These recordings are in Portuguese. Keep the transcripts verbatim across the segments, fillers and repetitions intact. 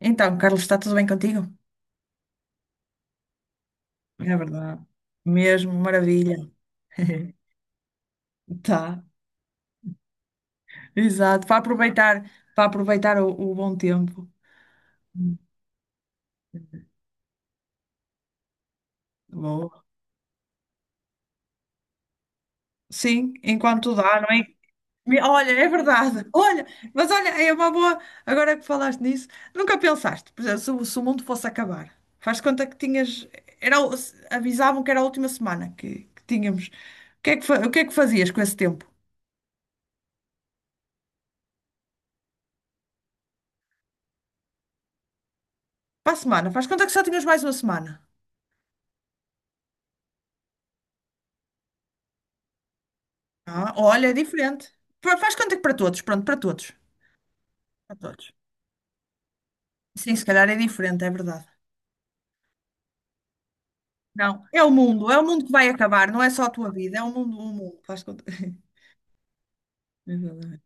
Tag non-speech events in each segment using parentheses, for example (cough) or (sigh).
Então, Carlos, está tudo bem contigo? É verdade. Mesmo, maravilha. (laughs) Tá. Exato. Para aproveitar, para aproveitar o, o bom tempo. Boa. Sim, enquanto dá, não é? Me- Olha, é verdade. (laughs) Olha, mas olha, é uma boa. Agora que falaste nisso, nunca pensaste, por exemplo, se, o se o mundo fosse acabar, faz de conta que tinhas. Era, o- se- Avisavam que era a última semana que, que tínhamos. O que é que, fa- o que é que fazias com esse tempo? Para a semana, faz de conta que só tinhas mais uma semana. Ah, olha, é diferente. Fa- Faz conta que para todos, pronto, para todos. Para todos. Sim, se calhar é diferente, é verdade. Não, é o mundo, é o mundo que vai acabar, não é só a tua vida, é o mundo, o mundo. Faz conta. (laughs) Exatamente.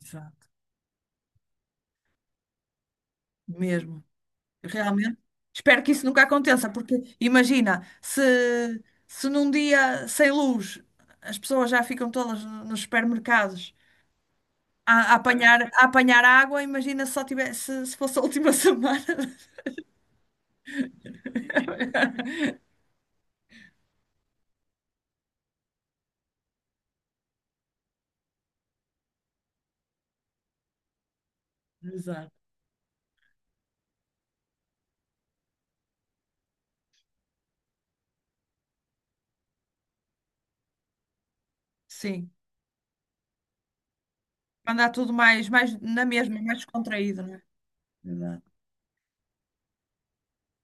Exato. Mesmo. Realmente. Espero que isso nunca aconteça, porque imagina, se, se num dia sem luz as pessoas já ficam todas no- nos supermercados a, a apanhar, a apanhar água, imagina se só tivesse, se fosse a última (laughs) semana. (laughs) Exato. Sim. Mandar tudo mais, mais na mesma, mais descontraído, não é? Exato.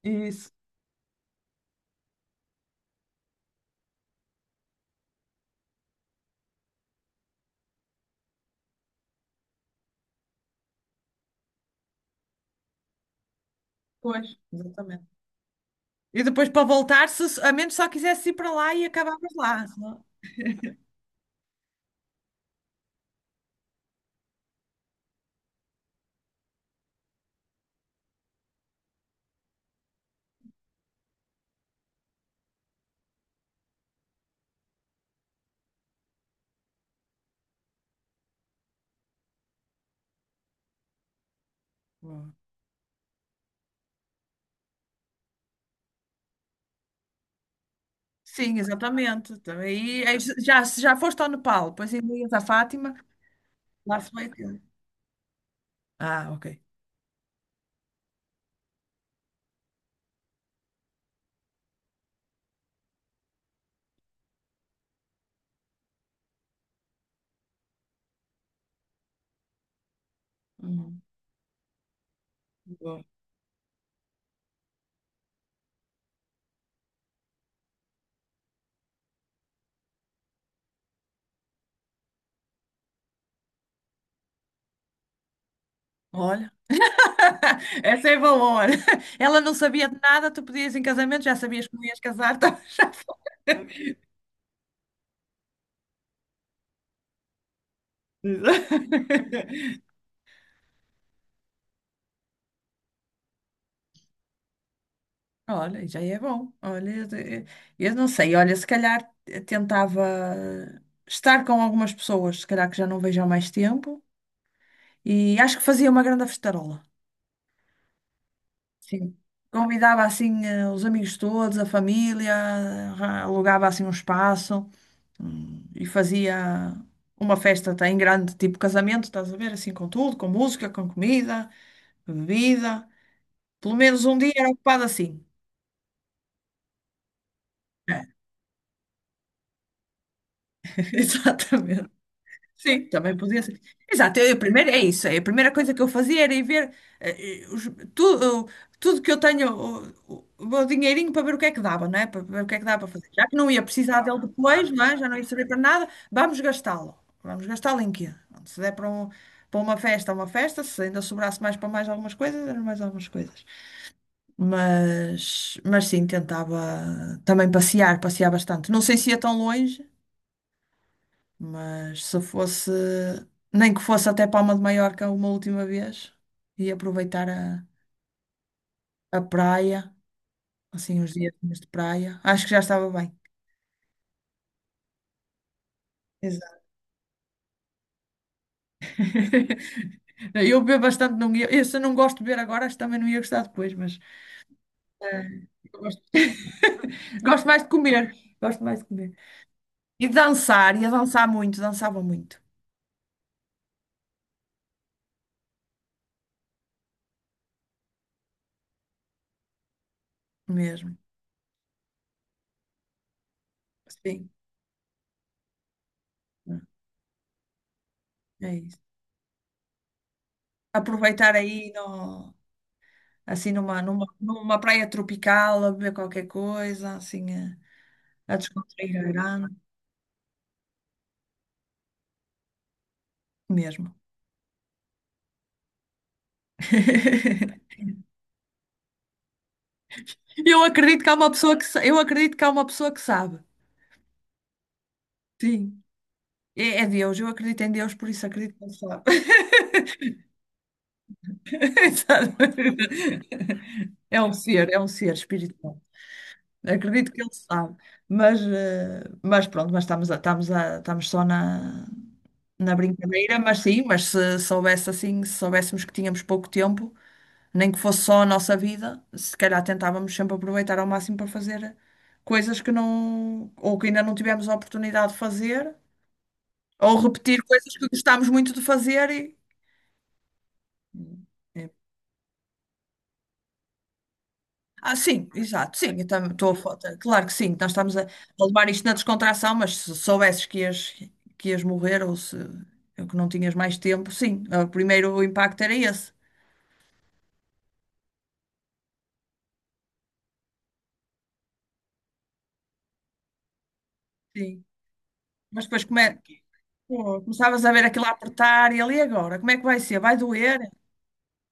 Isso, pois, exatamente. E depois para voltar, se, a menos só quisesse ir para lá e acabavas lá. Senão- Bom, sim, exatamente. Também, e aí, já, se já foste ao Nepal, depois ainda ias à Fátima, lá se vai aquilo. Ah, ok. Uhum. Bom. Olha, (laughs) essa é valor. Ela não sabia de nada, tu pedias em casamento, já sabias que não ias casar, então (laughs) já foi. (laughs) Olha, já é bom. Olha, eu eu não sei. Olha, se calhar tentava estar com algumas pessoas, se calhar que já não vejo há mais tempo, e acho que fazia uma grande festarola. Sim. Convidava assim eh, os amigos todos, a família, arra- alugava assim um espaço, hum, e fazia uma festa até em grande, tipo casamento, estás a ver? Assim com tudo, com música, com comida, bebida. Pelo menos um dia era ocupado assim. É, (laughs) exatamente. Sim, também podia ser. Exato, eu, a primeira, é isso. É a primeira coisa que eu fazia era ir ver eh, eh, os- tudo, tudo que eu tenho, o, o- o meu dinheirinho para ver o que é que dava, não é? Para ver o que é que dava para fazer. Já que não ia precisar dele depois, não é? Já não ia servir para nada, vamos gastá-lo. Vamos gastá-lo em quê? Se der para, um- para uma festa, é uma festa, se ainda sobrasse mais para mais algumas coisas, eram mais algumas coisas. Mas, mas sim, tentava também passear, passear bastante. Não sei se ia tão longe. Mas se fosse, nem que fosse até Palma de Maiorca uma última vez e aproveitar a, a praia, assim, uns dias de praia, acho que já estava bem. Exato. (laughs) Eu bebo bastante, não ia, eu, se não gosto de beber agora, acho que também não ia gostar depois, mas eh, eu gosto, (laughs) gosto mais de comer. Gosto mais de comer. E dançar, ia dançar muito, dançava muito mesmo. Sim, é isso. Aproveitar aí no assim numa, numa, numa praia tropical, a beber qualquer coisa, assim, a, a descontrair a grana, mesmo. (laughs) Eu acredito que há uma pessoa que, sa- eu acredito que há uma pessoa que sabe. Sim. É, é Deus, eu acredito em Deus, por isso acredito que ele sabe. (laughs) Sabe? É um ser, é um ser espiritual. Acredito que ele sabe, mas, eh, mas pronto, mas estamos, a- estamos, a- estamos só na, na brincadeira, mas sim, mas se soubesse assim, se soubéssemos que tínhamos pouco tempo, nem que fosse só a nossa vida, se calhar tentávamos sempre aproveitar ao máximo para fazer coisas que não, ou que ainda não tivemos a oportunidade de fazer, ou repetir coisas que gostámos muito de fazer e. É. Ah, sim, exato, sim, eu tam- estou a foto. Claro que sim, nós estamos a, a levar isto na descontração, mas se soubesses que ias, que ias morrer ou se ou que não tinhas mais tempo, sim, ah, o primeiro impacto era esse. Sim. Mas depois come- pô, começavas a ver aquilo a apertar e ali agora, como é que vai ser? Vai doer?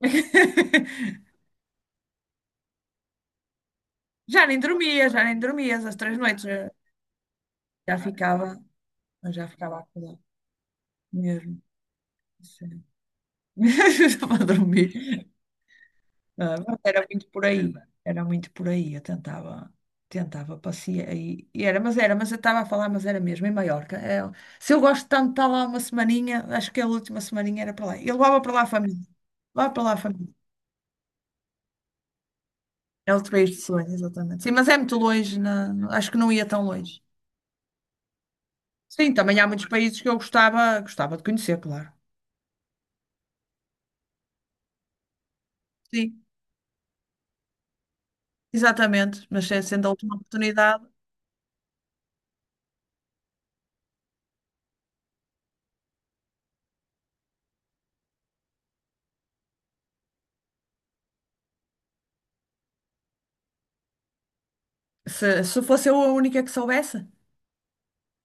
(laughs) Já nem dormia, já nem dormia essas três noites. Já, já ficava, já ficava acordada mesmo. Sério. (laughs) Estava a dormir. Ah, mas era muito por aí. Era muito por aí. Eu tentava, tentava passear. E, e era, mas era, mas eu estava a falar, mas era mesmo, em Maiorca. É, se eu gosto tanto de estar lá uma semaninha, acho que a última semaninha era para lá. E levava para lá a família. Levava para lá a família. É outro país de sonho, exatamente. Sim, mas é muito longe, na- acho que não ia tão longe. Sim, também há muitos países que eu gostava, gostava de conhecer, claro. Sim, exatamente. Mas se- sendo a última oportunidade. Se, se fosse eu a única que soubesse,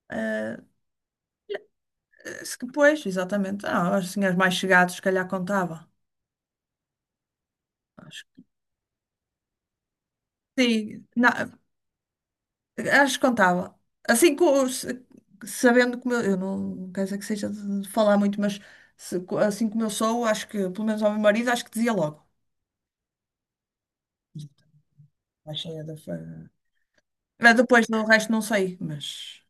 eh, se que pois, exatamente. Ah, aos senhores mais chegados, se calhar contava. Acho que sim. Na- acho que contava. Assim, co- se- Sabendo como eu, eu não, não quero dizer que seja de de falar muito, mas se co- assim como eu sou, acho que, pelo menos ao meu marido, acho que dizia logo. Vai cheia da fa- Mas depois do resto, não sei, mas.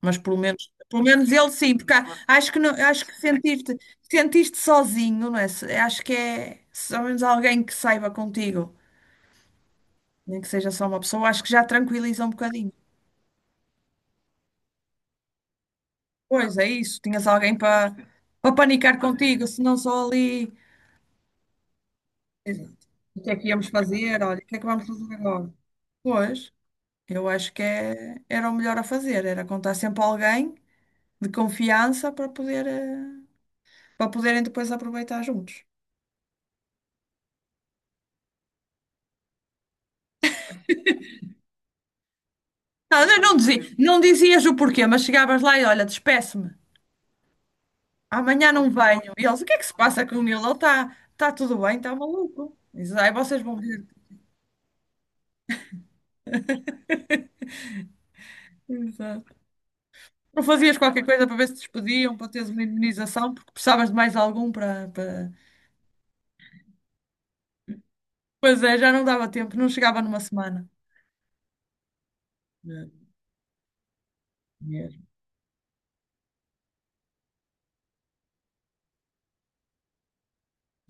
Mas pelo menos, pelo menos ele sim, porque há- acho que não, acho que sentiste, sentiste sozinho, não é? Se- Acho que é, se ao menos alguém que saiba contigo, nem que seja só uma pessoa, acho que já tranquiliza um bocadinho. Pois é isso, tinhas alguém para para panicar contigo, se não só ali. Exato. O que é que íamos fazer? Olha, o que é que vamos fazer agora? Pois, eu acho que é, era o melhor a fazer, era contar sempre a alguém de confiança para poder, eh, para poderem depois aproveitar juntos. Não, eu não dizia, não dizias o porquê, mas chegavas lá e olha, despeço-me, amanhã não venho. E eles, o que é que se passa com ele? Ele está tá tá tudo bem, está maluco. Diz, ai, vocês vão ver. Exato. Não fazias qualquer coisa para ver se te despediam, para teres uma indemnização, porque precisavas de mais algum para, para... Pois é, já não dava tempo, não chegava numa semana. É, mesmo.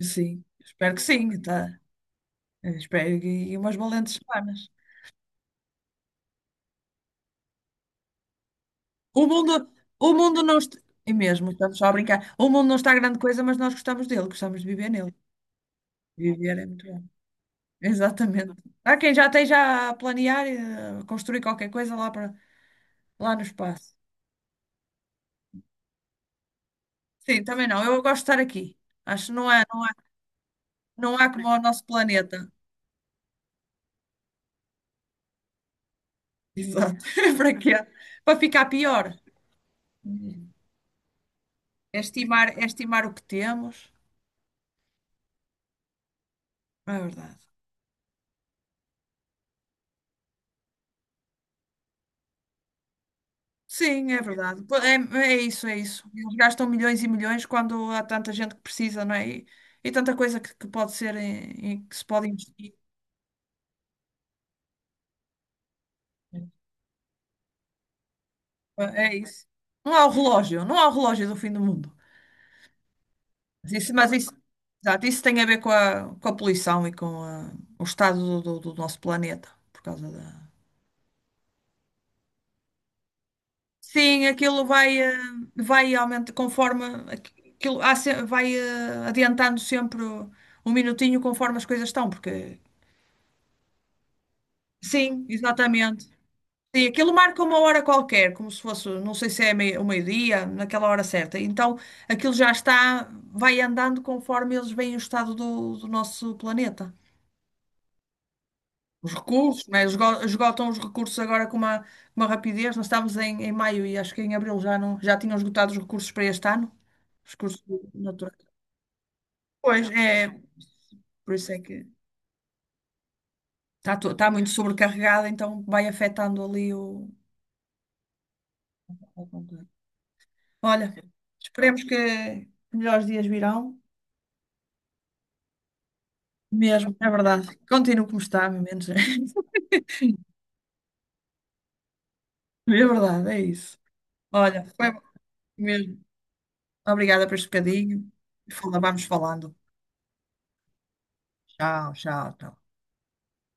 Sim, espero que sim, tá. Eu espero e umas valentes semanas. O mundo, o mundo não está... E mesmo, estamos só a brincar. O mundo não está grande coisa, mas nós gostamos dele, gostamos de viver nele. Viver é muito bom. Exatamente. Há quem já esteja a planear e a construir qualquer coisa lá, para, lá no espaço. Sim, também não. Eu gosto de estar aqui. Acho que não é, não, não há como o nosso planeta. Exato. (laughs) Para quê? Para ficar pior. É estimar, é estimar o que temos. É verdade. Sim, é verdade. Pô, é, é isso, é isso. Eles gastam milhões e milhões quando há tanta gente que precisa, não é? E, e tanta coisa que, que pode ser em, em que se pode investir. É é isso. Não há o relógio, não há o relógio do fim do mundo. Mas isso, mas isso, exato, isso tem a ver com a, com a poluição e com a- o estado do, do- do nosso planeta, por causa da... Sim, aquilo vai, eh, vai aumentando conforme... aqui- Aquilo, há se- vai eh, adiantando sempre um minutinho conforme as coisas estão, porque... Sim, exatamente. Sim, aquilo marca uma hora qualquer, como se fosse, não sei se é mei- o meio-dia, naquela hora certa. Então, aquilo já está, vai andando conforme eles veem o estado do, do nosso planeta. Os recursos, né? Eles esgotam os recursos agora com uma, uma rapidez. Nós estamos em, em maio e acho que em abril já, não, já tinham esgotado os recursos para este ano, os recursos naturais. Pois, é, por isso é que está, to- está muito sobrecarregada, então vai afetando ali o. Olha, esperemos que melhores dias virão. Mesmo, é verdade. Continuo como está, menos. (laughs) É verdade, é isso. Olha, foi mesmo. Obrigada por este bocadinho. Fala- Vamos falando. Tchau, tchau, tchau.